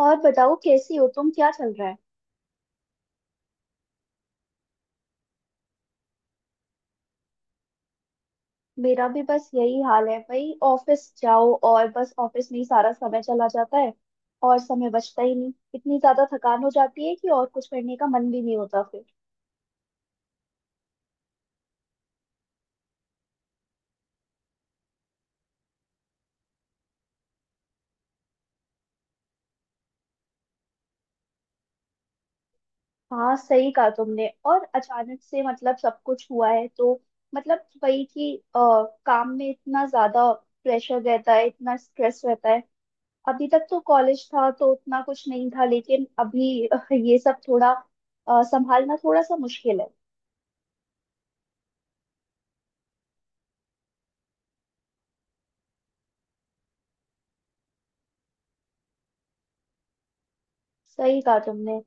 और बताओ, कैसी हो तुम? क्या चल रहा है? मेरा भी बस यही हाल है भाई। ऑफिस जाओ और बस ऑफिस में ही सारा समय चला जाता है। और समय बचता ही नहीं, इतनी ज्यादा थकान हो जाती है कि और कुछ करने का मन भी नहीं होता फिर। हाँ, सही कहा तुमने। और अचानक से मतलब सब कुछ हुआ है, तो मतलब वही कि काम में इतना ज्यादा प्रेशर रहता है, इतना स्ट्रेस रहता है। अभी तक तो कॉलेज था तो उतना कुछ नहीं था, लेकिन अभी ये सब थोड़ा संभालना थोड़ा सा मुश्किल है। सही कहा तुमने।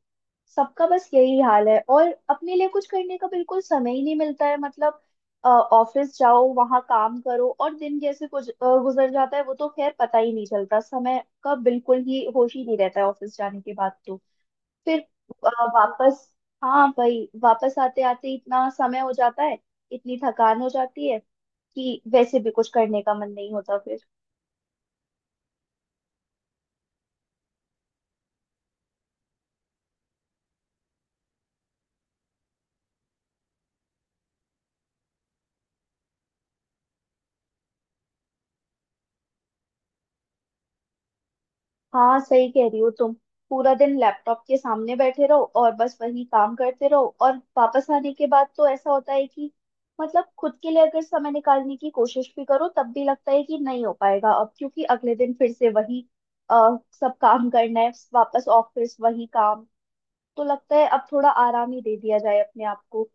सबका बस यही हाल है, और अपने लिए कुछ करने का बिल्कुल समय ही नहीं मिलता है मतलब। ऑफिस जाओ, वहां काम करो, और दिन कैसे कुछ गुजर जाता है वो तो खैर पता ही नहीं चलता। समय का बिल्कुल ही होश ही नहीं रहता है ऑफिस जाने के बाद तो। फिर अ, वापस, हाँ भाई, वापस आते आते इतना समय हो जाता है, इतनी थकान हो जाती है कि वैसे भी कुछ करने का मन नहीं होता फिर। हाँ, सही कह रही हो तुम। पूरा दिन लैपटॉप के सामने बैठे रहो और बस वही काम करते रहो, और वापस आने के बाद तो ऐसा होता है कि मतलब खुद के लिए अगर समय निकालने की कोशिश भी करो तब भी लगता है कि नहीं हो पाएगा अब, क्योंकि अगले दिन फिर से वही सब काम करना है, वापस ऑफिस वही काम। तो लगता है अब थोड़ा आराम ही दे दिया जाए अपने आप को।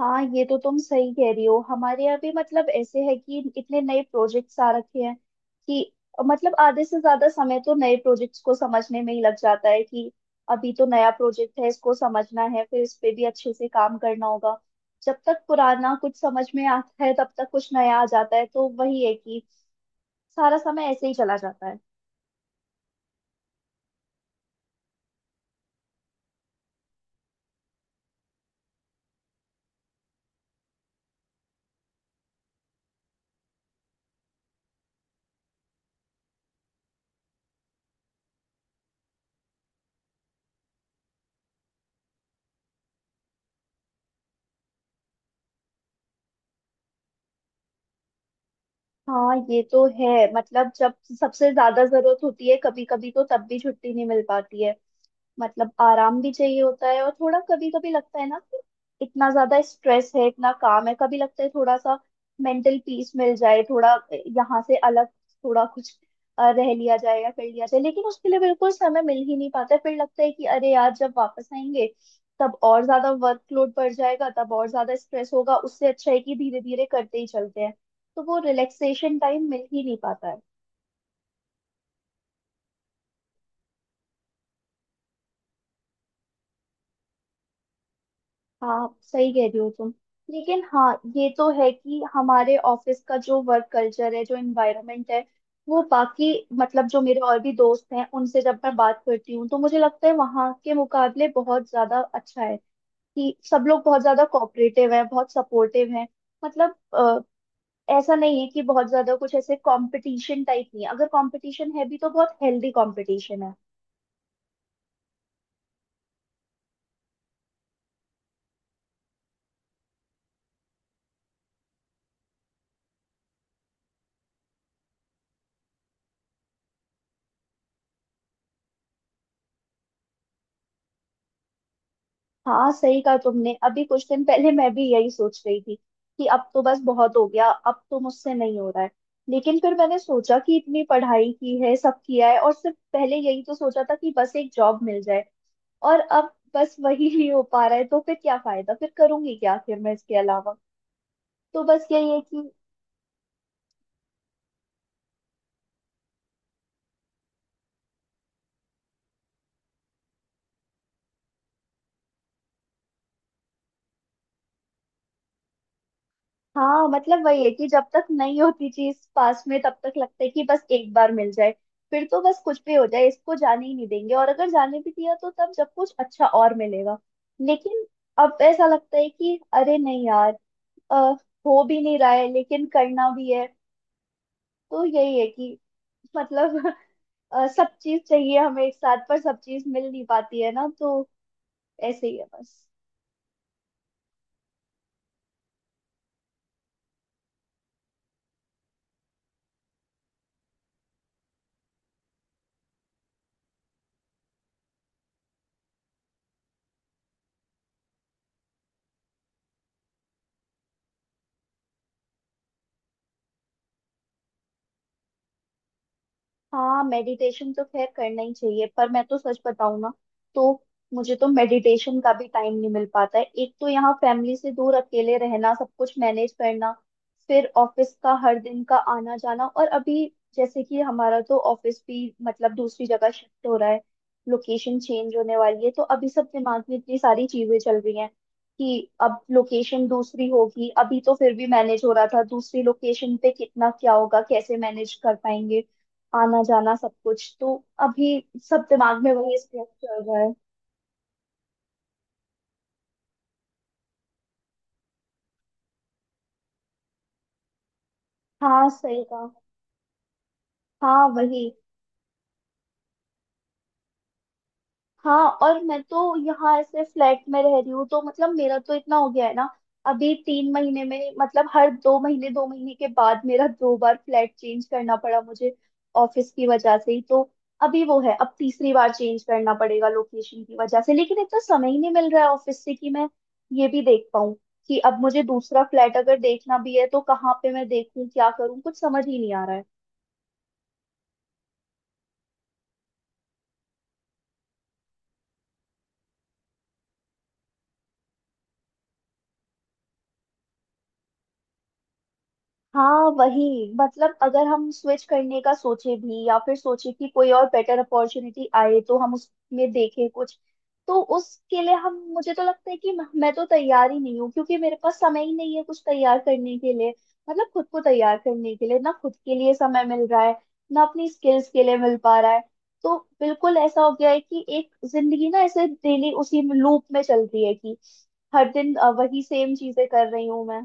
हाँ, ये तो तुम सही कह रही हो। हमारे यहाँ भी मतलब ऐसे है कि इतने नए प्रोजेक्ट्स आ रखे हैं कि मतलब आधे से ज्यादा समय तो नए प्रोजेक्ट्स को समझने में ही लग जाता है कि अभी तो नया प्रोजेक्ट है, इसको समझना है, फिर इस पे भी अच्छे से काम करना होगा। जब तक पुराना कुछ समझ में आता है, तब तक कुछ नया आ जाता है, तो वही है कि सारा समय ऐसे ही चला जाता है। हाँ, ये तो है। मतलब जब सबसे ज्यादा जरूरत होती है कभी कभी, तो तब भी छुट्टी नहीं मिल पाती है। मतलब आराम भी चाहिए होता है, और थोड़ा कभी कभी लगता है ना कि इतना ज्यादा स्ट्रेस है, इतना काम है। कभी लगता है थोड़ा सा मेंटल पीस मिल जाए, थोड़ा यहाँ से अलग, थोड़ा कुछ रह लिया जाए या कर लिया जाए, लेकिन उसके लिए बिल्कुल समय मिल ही नहीं पाता है। फिर लगता है कि अरे यार, जब वापस आएंगे तब और ज्यादा वर्कलोड बढ़ जाएगा, तब और ज्यादा स्ट्रेस होगा। उससे अच्छा है कि धीरे धीरे करते ही चलते हैं। तो वो रिलैक्सेशन टाइम मिल ही नहीं पाता है। हाँ, सही कह रही हो तुम। लेकिन हाँ, ये तो है कि हमारे ऑफिस का जो वर्क कल्चर है, जो एनवायरनमेंट है, वो बाकी मतलब जो मेरे और भी दोस्त हैं, उनसे जब मैं बात करती हूँ, तो मुझे लगता है वहाँ के मुकाबले बहुत ज्यादा अच्छा है। कि सब लोग बहुत ज्यादा कोऑपरेटिव हैं, बहुत सपोर्टिव हैं। मतलब ऐसा नहीं है कि बहुत ज्यादा कुछ ऐसे कंपटीशन टाइप नहीं है। अगर कंपटीशन है भी तो बहुत हेल्दी कंपटीशन है। हाँ, सही कहा तुमने। अभी कुछ दिन पहले मैं भी यही सोच रही थी कि अब तो बस बहुत हो गया, अब तो मुझसे नहीं हो रहा है। लेकिन फिर मैंने सोचा कि इतनी पढ़ाई की है, सब किया है, और सिर्फ पहले यही तो सोचा था कि बस एक जॉब मिल जाए, और अब बस वही नहीं हो पा रहा है तो फिर क्या फायदा? फिर करूंगी क्या फिर मैं इसके अलावा? तो बस यही है कि हाँ, मतलब वही है कि जब तक नहीं होती चीज पास में तब तक लगता है कि बस एक बार मिल जाए, फिर तो बस कुछ भी हो जाए इसको जाने ही नहीं देंगे। और अगर जाने भी दिया तो तब, जब कुछ अच्छा और मिलेगा। लेकिन अब ऐसा लगता है कि अरे नहीं यार, अ, हो भी नहीं रहा है, लेकिन करना भी है। तो यही है कि मतलब सब चीज चाहिए हमें एक साथ, पर सब चीज मिल नहीं पाती है ना, तो ऐसे ही है बस। हाँ, मेडिटेशन तो खैर करना ही चाहिए, पर मैं तो सच बताऊँ ना, तो मुझे तो मेडिटेशन का भी टाइम नहीं मिल पाता है। एक तो यहाँ फैमिली से दूर अकेले रहना, सब कुछ मैनेज करना, फिर ऑफिस का हर दिन का आना जाना, और अभी जैसे कि हमारा तो ऑफिस भी मतलब दूसरी जगह शिफ्ट हो रहा है। लोकेशन चेंज होने वाली है, तो अभी सब दिमाग में इतनी सारी चीजें चल रही हैं कि अब लोकेशन दूसरी होगी। अभी तो फिर भी मैनेज हो रहा था, दूसरी लोकेशन पे कितना क्या होगा, कैसे मैनेज कर पाएंगे आना जाना सब कुछ। तो अभी सब दिमाग में वही स्ट्रेस चल रहा है। हाँ, सही कहा। हाँ, वही। हाँ, और मैं तो यहाँ ऐसे फ्लैट में रह रही हूँ तो मतलब मेरा तो इतना हो गया है ना, अभी 3 महीने में मतलब हर 2 महीने 2 महीने के बाद मेरा 2 बार फ्लैट चेंज करना पड़ा मुझे, ऑफिस की वजह से ही। तो अभी वो है, अब तीसरी बार चेंज करना पड़ेगा लोकेशन की वजह से, लेकिन इतना समय ही नहीं मिल रहा है ऑफिस से कि मैं ये भी देख पाऊँ कि अब मुझे दूसरा फ्लैट अगर देखना भी है तो कहाँ पे मैं देखूँ, क्या करूँ, कुछ समझ ही नहीं आ रहा है। हाँ, वही। मतलब अगर हम स्विच करने का सोचे भी या फिर सोचे कि कोई और बेटर अपॉर्चुनिटी आए तो हम उसमें देखें कुछ, तो उसके लिए हम मुझे तो लगता है कि मैं तो तैयार ही नहीं हूँ, क्योंकि मेरे पास समय ही नहीं है कुछ तैयार करने के लिए। मतलब खुद को तैयार करने के लिए ना खुद के लिए समय मिल रहा है, ना अपनी स्किल्स के लिए मिल पा रहा है। तो बिल्कुल ऐसा हो गया है कि एक जिंदगी ना ऐसे डेली उसी लूप में चलती है कि हर दिन वही सेम चीजें कर रही हूँ मैं।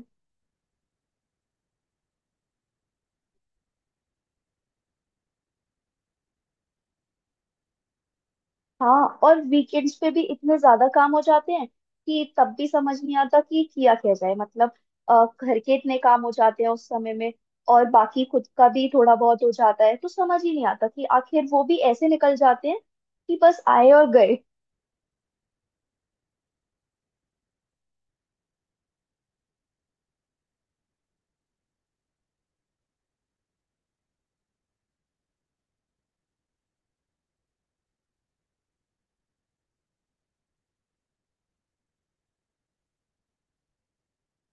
हाँ, और वीकेंड्स पे भी इतने ज्यादा काम हो जाते हैं कि तब भी समझ नहीं आता कि किया क्या जाए मतलब। घर के इतने काम हो जाते हैं उस समय में, और बाकी खुद का भी थोड़ा बहुत हो जाता है, तो समझ ही नहीं आता कि आखिर वो भी ऐसे निकल जाते हैं कि बस आए और गए।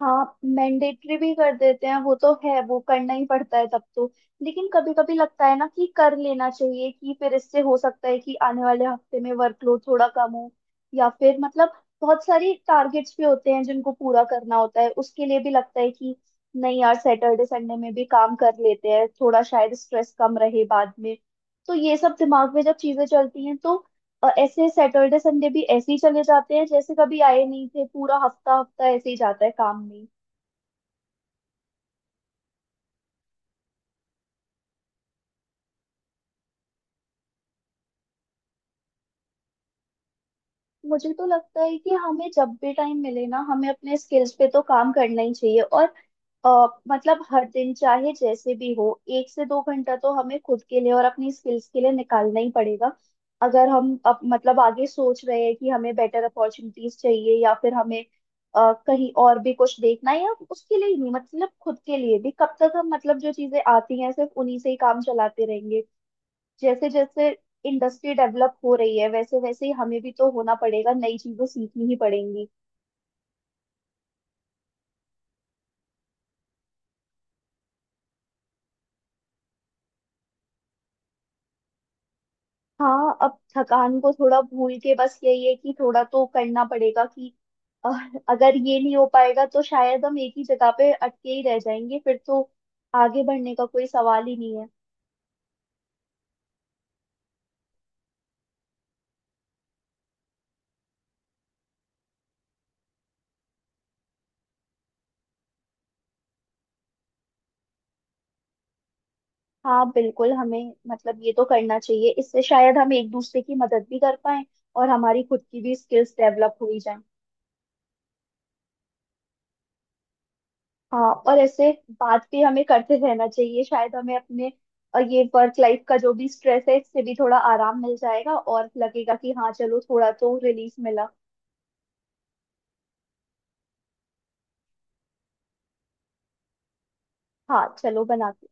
हाँ, मैंडेटरी भी कर देते हैं वो तो है, वो करना ही पड़ता है तब तो। लेकिन कभी कभी लगता है ना कि कर लेना चाहिए, कि फिर इससे हो सकता है कि आने वाले हफ्ते में वर्कलोड थोड़ा कम हो, या फिर मतलब बहुत सारी टारगेट्स भी होते हैं जिनको पूरा करना होता है, उसके लिए भी लगता है कि नहीं यार, सैटरडे संडे में भी काम कर लेते हैं थोड़ा, शायद स्ट्रेस कम रहे बाद में। तो ये सब दिमाग में जब चीजें चलती हैं तो, और ऐसे सैटरडे संडे भी ऐसे ही चले जाते हैं जैसे कभी आए नहीं थे। पूरा हफ्ता हफ्ता ऐसे ही जाता है काम में। मुझे तो लगता है कि हमें जब भी टाइम मिले ना, हमें अपने स्किल्स पे तो काम करना ही चाहिए। और मतलब हर दिन चाहे जैसे भी हो, एक से दो घंटा तो हमें खुद के लिए और अपनी स्किल्स के लिए निकालना ही पड़ेगा। अगर हम अब मतलब आगे सोच रहे हैं कि हमें बेटर अपॉर्चुनिटीज चाहिए, या फिर हमें कहीं और भी कुछ देखना है, या उसके लिए ही नहीं, मतलब खुद के लिए भी कब तक हम मतलब जो चीजें आती हैं सिर्फ उन्हीं से ही काम चलाते रहेंगे? जैसे जैसे इंडस्ट्री डेवलप हो रही है, वैसे वैसे ही हमें भी तो होना पड़ेगा, नई चीजें सीखनी ही पड़ेंगी। हाँ, अब थकान को थोड़ा भूल के बस यही है कि थोड़ा तो करना पड़ेगा कि अह, अगर ये नहीं हो पाएगा तो शायद हम एक ही जगह पे अटके ही रह जाएंगे फिर तो। आगे बढ़ने का कोई सवाल ही नहीं है। हाँ बिल्कुल, हमें मतलब ये तो करना चाहिए, इससे शायद हम एक दूसरे की मदद भी कर पाए, और हमारी खुद की भी स्किल्स डेवलप हो ही जाए। हाँ, और ऐसे बात भी हमें करते रहना चाहिए, शायद हमें अपने ये वर्क लाइफ का जो भी स्ट्रेस है इससे भी थोड़ा आराम मिल जाएगा, और लगेगा कि हाँ चलो, थोड़ा तो रिलीफ मिला। हाँ चलो बनाते